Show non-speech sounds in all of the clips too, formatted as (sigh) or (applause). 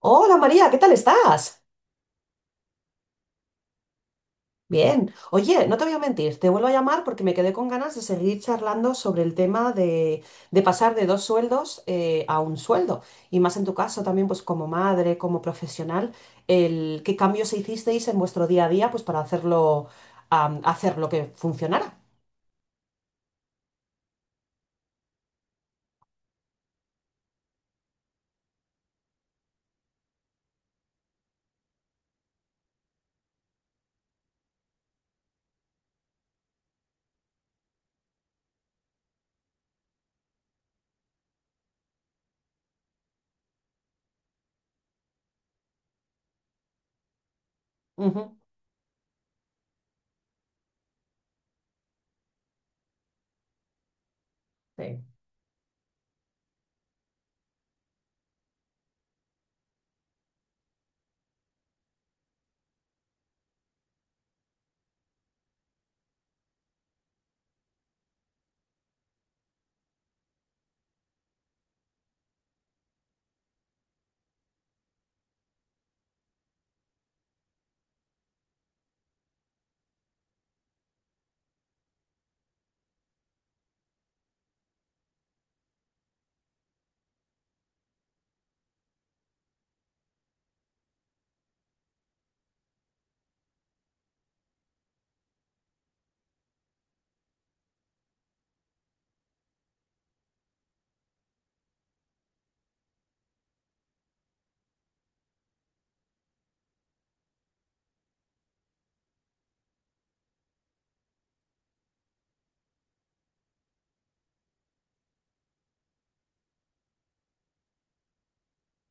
Hola María, ¿qué tal estás? Bien. Oye, no te voy a mentir, te vuelvo a llamar porque me quedé con ganas de seguir charlando sobre el tema de pasar de dos sueldos a un sueldo. Y más en tu caso también, pues como madre, como profesional, ¿qué cambios hicisteis en vuestro día a día pues para hacer lo que funcionara? Ujú, sí.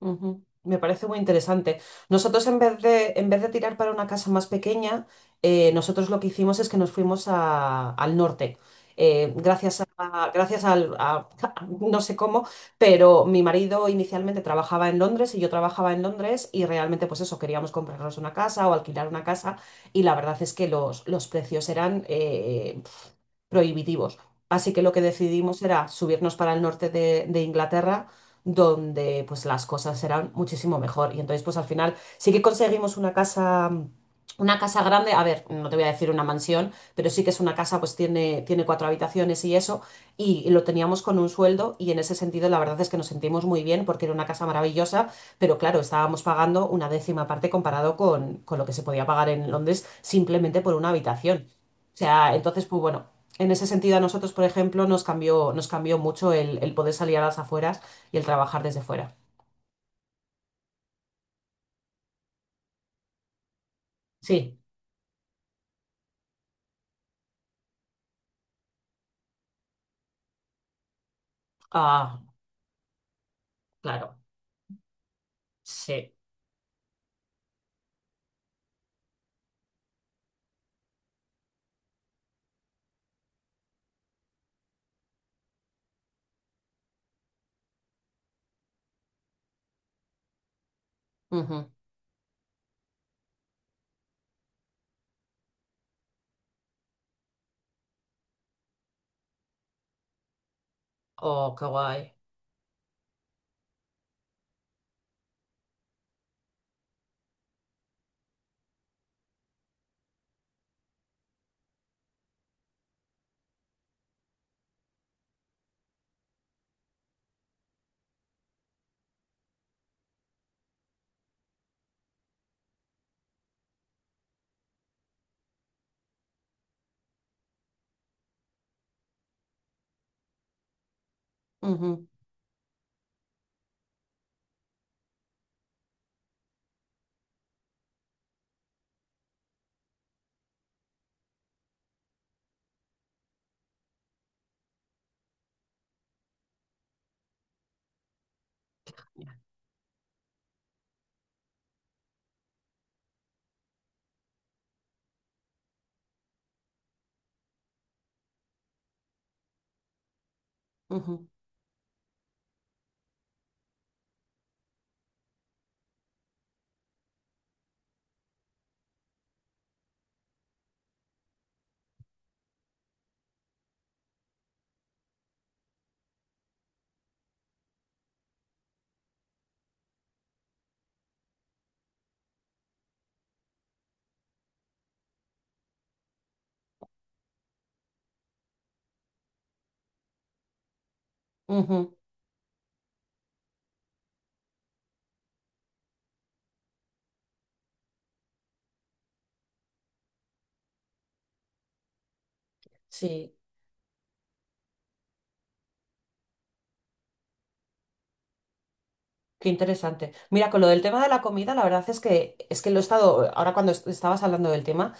Ujú. Me parece muy interesante. Nosotros en vez de tirar para una casa más pequeña, nosotros lo que hicimos es que nos fuimos al norte. Gracias al (laughs) no sé cómo, pero mi marido inicialmente trabajaba en Londres y yo trabajaba en Londres y realmente pues eso, queríamos comprarnos una casa o alquilar una casa y la verdad es que los precios eran prohibitivos. Así que lo que decidimos era subirnos para el norte de Inglaterra, donde pues las cosas eran muchísimo mejor. Y entonces pues al final sí que conseguimos una casa grande, a ver, no te voy a decir una mansión, pero sí que es una casa, pues tiene cuatro habitaciones y eso, y lo teníamos con un sueldo y en ese sentido la verdad es que nos sentimos muy bien porque era una casa maravillosa, pero claro, estábamos pagando una décima parte comparado con lo que se podía pagar en Londres simplemente por una habitación. O sea, entonces, pues bueno, en ese sentido a nosotros, por ejemplo, nos cambió mucho el poder salir a las afueras y el trabajar desde fuera. Sí, ah, claro, sí. Ujú. Oh, qué guay. Ujú, ujú, ujú. Sí, qué interesante. Mira, con lo del tema de la comida, la verdad es que lo he estado, ahora cuando estabas hablando del tema,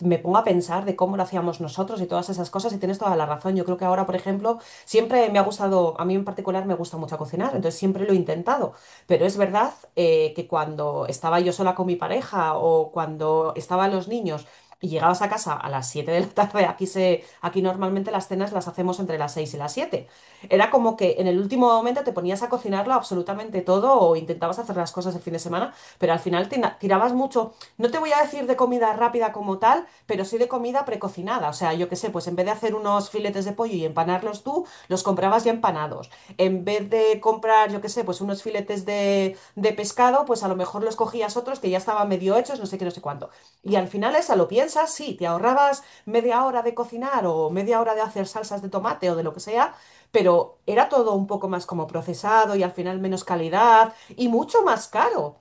me pongo a pensar de cómo lo hacíamos nosotros y todas esas cosas y tienes toda la razón. Yo creo que ahora, por ejemplo, siempre me ha gustado, a mí en particular me gusta mucho cocinar, entonces siempre lo he intentado, pero es verdad que cuando estaba yo sola con mi pareja o cuando estaban los niños y llegabas a casa a las 7 de la tarde, aquí normalmente las cenas las hacemos entre las 6 y las 7. Era como que en el último momento te ponías a cocinarlo absolutamente todo o intentabas hacer las cosas el fin de semana, pero al final tirabas mucho. No te voy a decir de comida rápida como tal, pero sí de comida precocinada. O sea, yo qué sé, pues en vez de hacer unos filetes de pollo y empanarlos tú, los comprabas ya empanados. En vez de comprar, yo qué sé, pues unos filetes de pescado, pues a lo mejor los cogías otros que ya estaban medio hechos, no sé qué, no sé cuánto. Y al final esa lo piensas, sí, te ahorrabas media hora de cocinar o media hora de hacer salsas de tomate o de lo que sea, pero era todo un poco más como procesado y al final menos calidad y mucho más caro.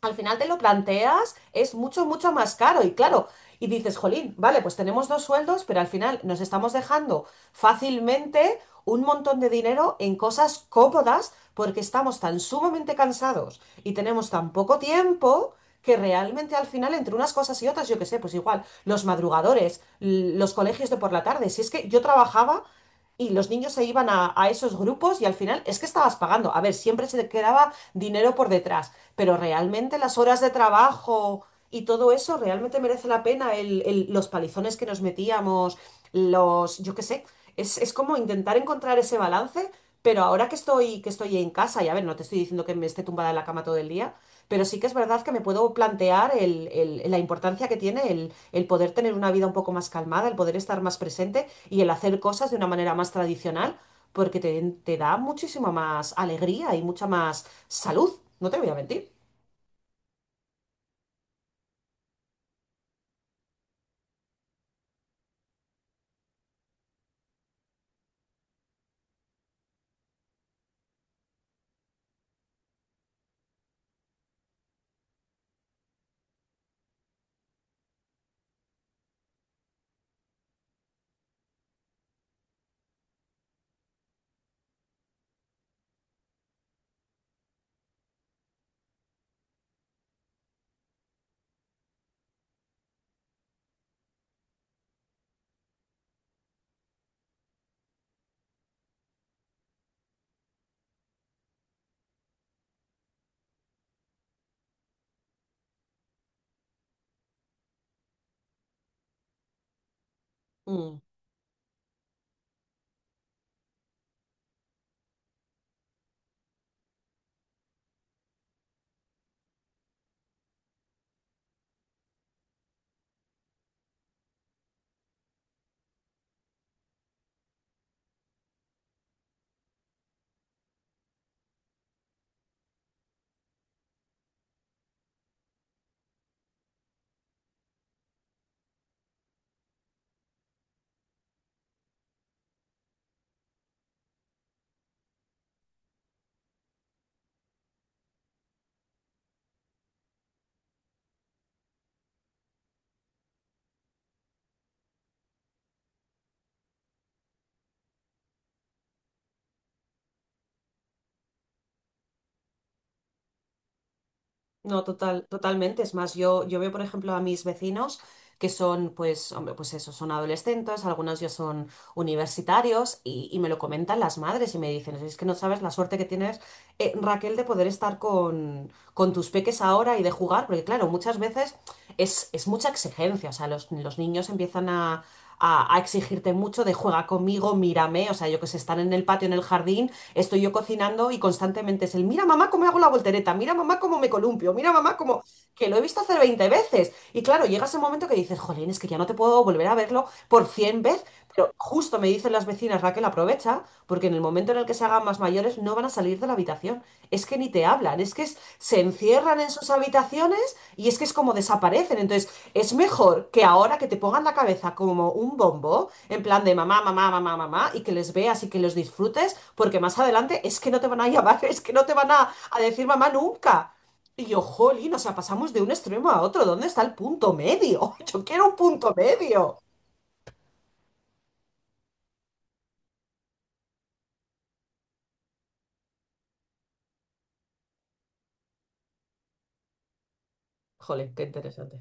Al final te lo planteas, es mucho, mucho más caro y claro, y dices, jolín, vale, pues tenemos dos sueldos, pero al final nos estamos dejando fácilmente un montón de dinero en cosas cómodas porque estamos tan sumamente cansados y tenemos tan poco tiempo que realmente al final entre unas cosas y otras, yo qué sé, pues igual, los madrugadores, los colegios de por la tarde, si es que yo trabajaba y los niños se iban a esos grupos y al final es que estabas pagando. A ver, siempre se te quedaba dinero por detrás, pero realmente las horas de trabajo y todo eso realmente merece la pena los palizones que nos metíamos, los, yo qué sé, es como intentar encontrar ese balance, pero ahora que estoy en casa, y a ver, no te estoy diciendo que me esté tumbada en la cama todo el día, pero sí que es verdad que me puedo plantear la importancia que tiene el poder tener una vida un poco más calmada, el poder estar más presente y el hacer cosas de una manera más tradicional, porque te da muchísima más alegría y mucha más salud, no te voy a mentir. Mm. No, total, totalmente. Es más, yo veo, por ejemplo, a mis vecinos que son, pues, hombre, pues eso, son adolescentes, algunos ya son universitarios y me lo comentan las madres y me dicen, es que no sabes la suerte que tienes, Raquel, de poder estar con tus peques ahora y de jugar, porque claro, muchas veces es mucha exigencia, o sea, los niños empiezan a exigirte mucho de juega conmigo, mírame, o sea, yo que sé, están en el patio, en el jardín, estoy yo cocinando y constantemente es mira mamá cómo hago la voltereta, mira mamá cómo me columpio, mira mamá cómo... que lo he visto hacer 20 veces. Y claro, llega ese momento que dices, jolín, es que ya no te puedo volver a verlo por 100 veces, pero justo me dicen las vecinas, Raquel, aprovecha, porque en el momento en el que se hagan más mayores no van a salir de la habitación. Es que ni te hablan, es que se encierran en sus habitaciones y es que es como desaparecen. Entonces, es mejor que ahora que te pongan la cabeza como un bombo, en plan de mamá, mamá, mamá, mamá, y que les veas y que los disfrutes, porque más adelante es que no te van a llamar, (laughs) es que no te van a decir mamá nunca. Y yo, jolín, o sea, pasamos de un extremo a otro. ¿Dónde está el punto medio? (laughs) Yo quiero un punto medio. Jolín, qué interesante.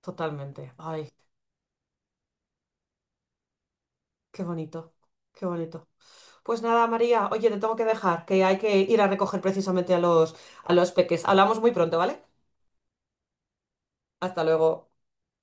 Totalmente. Ay, qué bonito, qué bonito. Pues nada, María, oye, te tengo que dejar, que hay que ir a recoger precisamente a los peques. Hablamos muy pronto, ¿vale? Hasta luego.